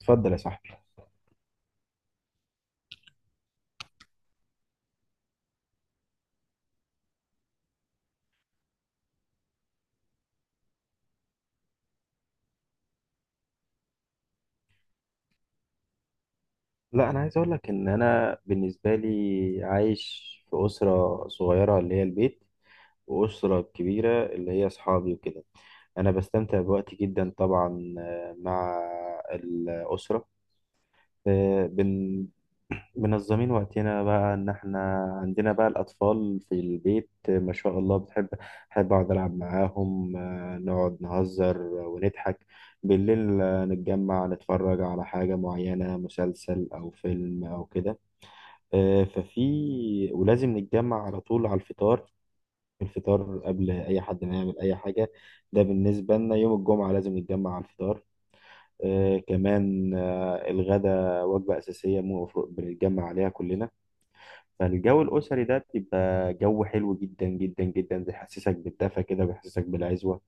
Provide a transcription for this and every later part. اتفضل يا صاحبي. لا، انا عايز اقول لك ان انا بالنسبه لي عايش في اسره صغيره اللي هي البيت، واسره كبيره اللي هي اصحابي وكده. انا بستمتع بوقتي جدا طبعا، مع الاسره. آه، بن منظمين وقتنا بقى ان احنا عندنا بقى الاطفال في البيت، ما شاء الله، بحب اقعد العب معاهم، نقعد نهزر ونضحك بالليل، نتجمع نتفرج على حاجة معينة، مسلسل او فيلم او كده. ففي ولازم نتجمع على طول على الفطار، الفطار قبل اي حد ما يعمل اي حاجة. ده بالنسبة لنا يوم الجمعة لازم نتجمع على الفطار. كمان، الغدا وجبة أساسية المفروض بنتجمع عليها كلنا. فالجو الأسري ده بيبقى جو حلو جدا جدا جدا، بيحسسك بالدفى كده، بيحسسك بالعزوة.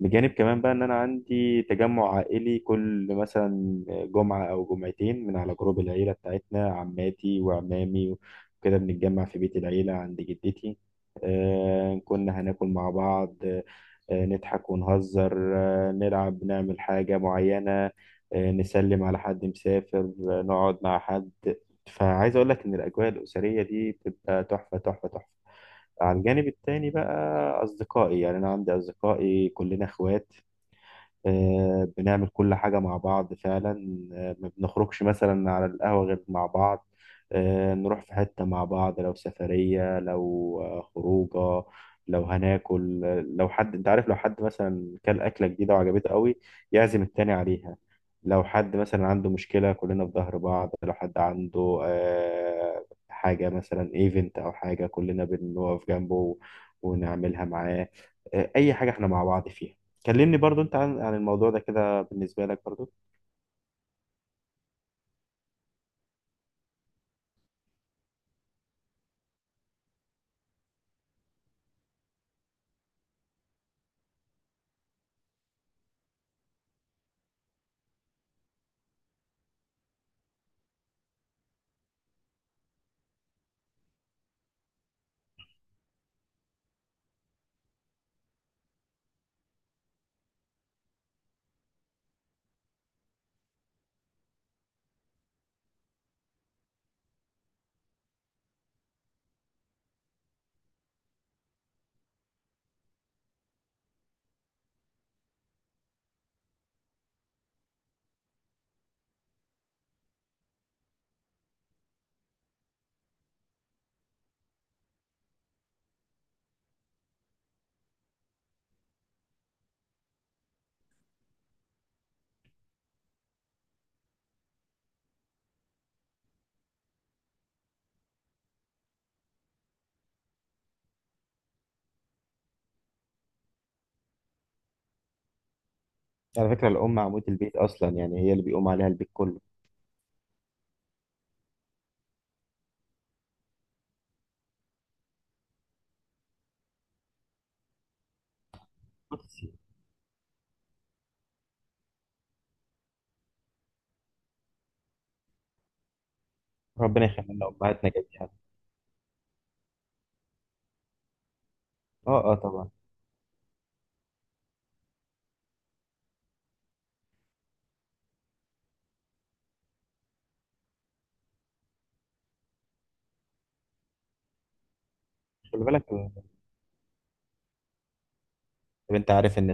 بجانب كمان بقى إن أنا عندي تجمع عائلي كل مثلا جمعة أو جمعتين، من على جروب العيلة بتاعتنا، عماتي وعمامي وكده بنتجمع في بيت العيلة عند جدتي. كنا هناكل مع بعض، نضحك ونهزر، نلعب نعمل حاجة معينة، نسلم على حد مسافر، نقعد مع حد. فعايز اقول لك ان الاجواء الاسريه دي بتبقى تحفه تحفه تحفه. على الجانب التاني بقى، اصدقائي، يعني انا عندي اصدقائي كلنا اخوات، بنعمل كل حاجة مع بعض فعلا، ما بنخرجش مثلا على القهوة غير مع بعض، نروح في حتة مع بعض، لو سفرية، لو خروجة، لو هناكل، لو حد انت عارف لو حد مثلا كل أكلة جديدة وعجبته قوي، يعزم التاني عليها. لو حد مثلا عنده مشكلة كلنا في ظهر بعض، لو حد عنده حاجة مثلا ايفنت أو حاجة كلنا بنقف جنبه ونعملها معاه. أي حاجة احنا مع بعض فيها. كلمني برضو انت عن الموضوع ده كده بالنسبة لك برضو. على فكرة الأم عمود البيت أصلا، يعني هي اللي بيقوم عليها البيت كله. بص، ربنا يخلينا أمهاتنا جميعا. اه، اه، طبعا. خلي بالك. طب انت عارف ان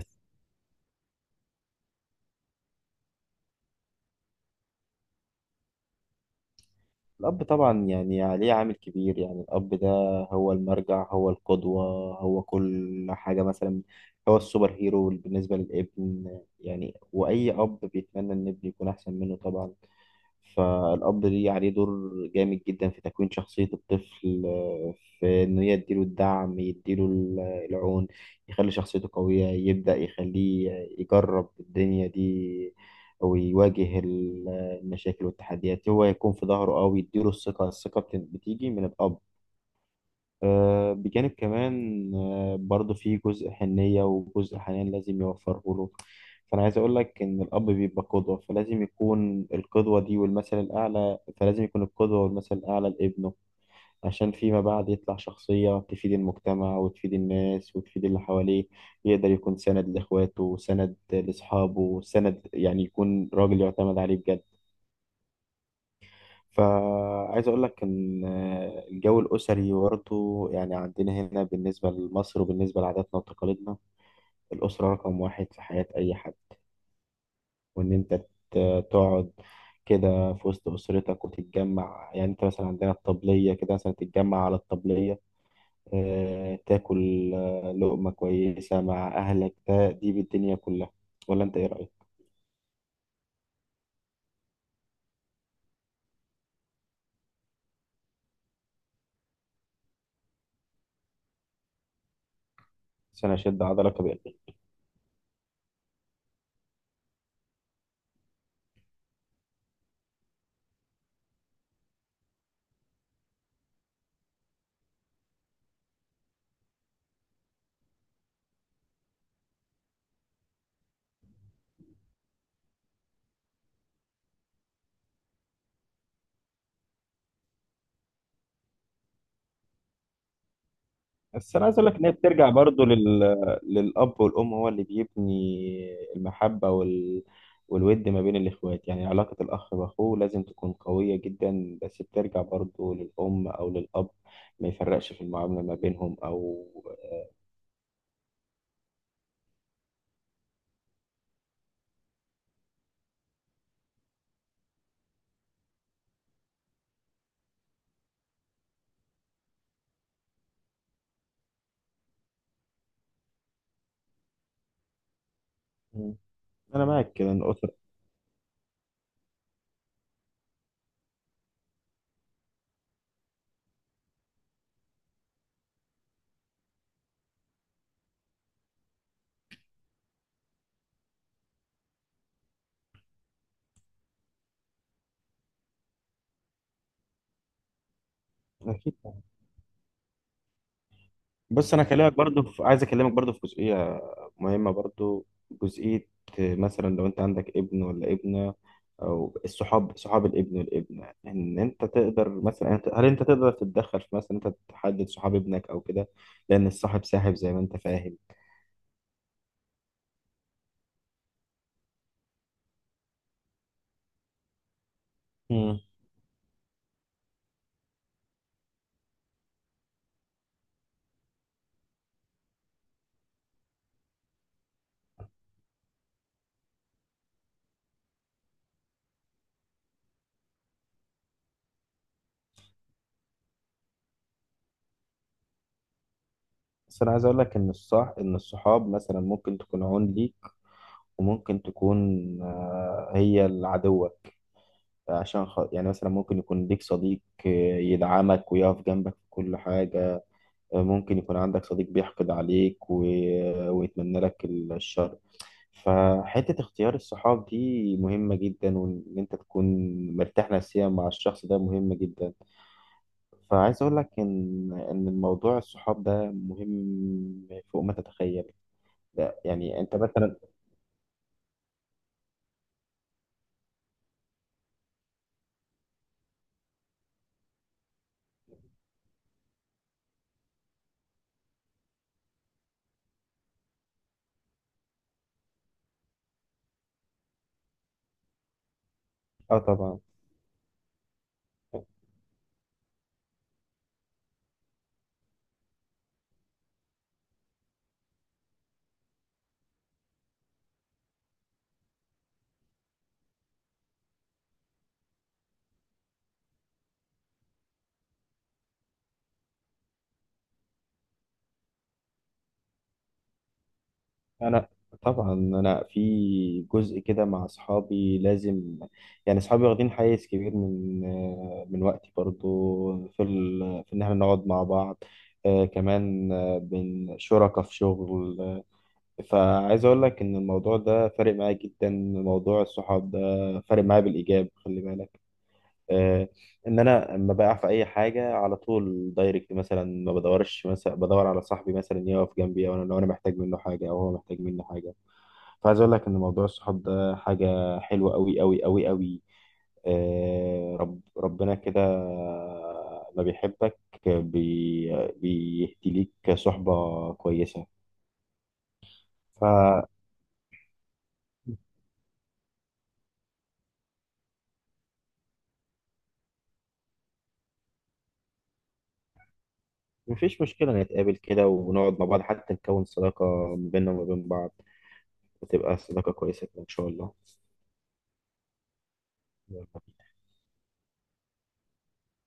الأب طبعا يعني عليه عامل كبير، يعني الأب ده هو المرجع، هو القدوة، هو كل حاجة. مثلا هو السوبر هيرو بالنسبة للابن، يعني وأي أب بيتمنى إن ابنه يكون أحسن منه طبعا. فالأب ليه عليه دور جامد جدا في تكوين شخصية الطفل، في إن هي يديله الدعم، يديله العون، يخلي شخصيته قوية، يبدأ يخليه يجرب الدنيا دي، ويواجه المشاكل والتحديات، هو يكون في ظهره أو يديله الثقة. الثقة بتيجي من الأب. بجانب كمان برضه في جزء حنية وجزء حنان لازم يوفره له. فأنا عايز أقول لك إن الأب بيبقى قدوة، فلازم يكون القدوة دي والمثل الأعلى، فلازم يكون القدوة والمثل الأعلى لابنه، عشان فيما بعد يطلع شخصية تفيد المجتمع وتفيد الناس وتفيد اللي حواليه، يقدر يكون سند لإخواته، سند لأصحابه، سند، يعني يكون راجل يعتمد عليه بجد. فعايز اقول لك ان الجو الاسري برضه، يعني عندنا هنا بالنسبه لمصر وبالنسبه لعاداتنا وتقاليدنا، الاسره رقم واحد في حياه اي حد. وان انت تقعد كده في وسط اسرتك وتتجمع، يعني انت مثلا عندنا الطبليه كده، مثلا تتجمع على الطبليه، تاكل لقمه كويسه مع اهلك، ده دي بالدنيا كلها. ولا انت ايه رايك؟ عشان اشد عضلك. بس انا عايز اقول لك ان هي بترجع برضو للاب والام. هو اللي بيبني المحبه والود ما بين الاخوات، يعني علاقه الاخ باخوه لازم تكون قويه جدا، بس بترجع برضو للام او للاب، ما يفرقش في المعامله ما بينهم او. مم. انا معاك كده إن الاسر. اكيد. بص انا اكلمك برضو عايز اكلمك برضو في جزئيه مهمه، برضو جزئيه، مثلا لو انت عندك ابن ولا ابنه، او الصحاب، صحاب الابن والابنه، ان انت تقدر مثلا هل انت تقدر تتدخل في مثلا انت تحدد صحاب ابنك او كده، لان الصاحب ساحب زي ما انت فاهم. مم. بس انا عايز اقول لك ان الصح، ان الصحاب مثلا ممكن تكون عون ليك، وممكن تكون هي العدوة. عشان يعني مثلا ممكن يكون ليك صديق آه، يدعمك ويقف جنبك في كل حاجة، ممكن يكون عندك صديق بيحقد عليك ويتمنى لك الشر. فحتة اختيار الصحاب دي مهمة جدا، وإن أنت تكون مرتاح نفسيا مع الشخص ده مهمة جدا. فعايز أقول لك إن الموضوع الصحاب ده مهم فوق ما تتخيل. ده يعني أنت مثلا. آه، طبعا. انا طبعا انا في جزء كده مع اصحابي لازم، يعني اصحابي واخدين حيز كبير من وقتي، برضو في في ان احنا نقعد مع بعض، آه، كمان آه، بن شركاء في شغل، فعايز اقول لك ان الموضوع ده فارق معايا جدا، موضوع الصحاب ده فارق معايا بالايجاب، خلي بالك. آه، ان انا لما بقع في اي حاجه على طول دايركت، مثلا ما بدورش، مثلا بدور على صاحبي مثلا يقف جنبي، او لو انا محتاج منه حاجه او هو محتاج مني حاجه. فعايز اقول لك ان موضوع الصحاب ده حاجه حلوه قوي قوي قوي قوي. آه، ربنا كده ما بيحبك بي بيهدي ليك صحبه كويسه. فمفيش مشكله نتقابل كده ونقعد مع بعض، حتى نكون صداقه ما بيننا وما بين بعض، وتبقى صداقه كويسه كده ان شاء الله.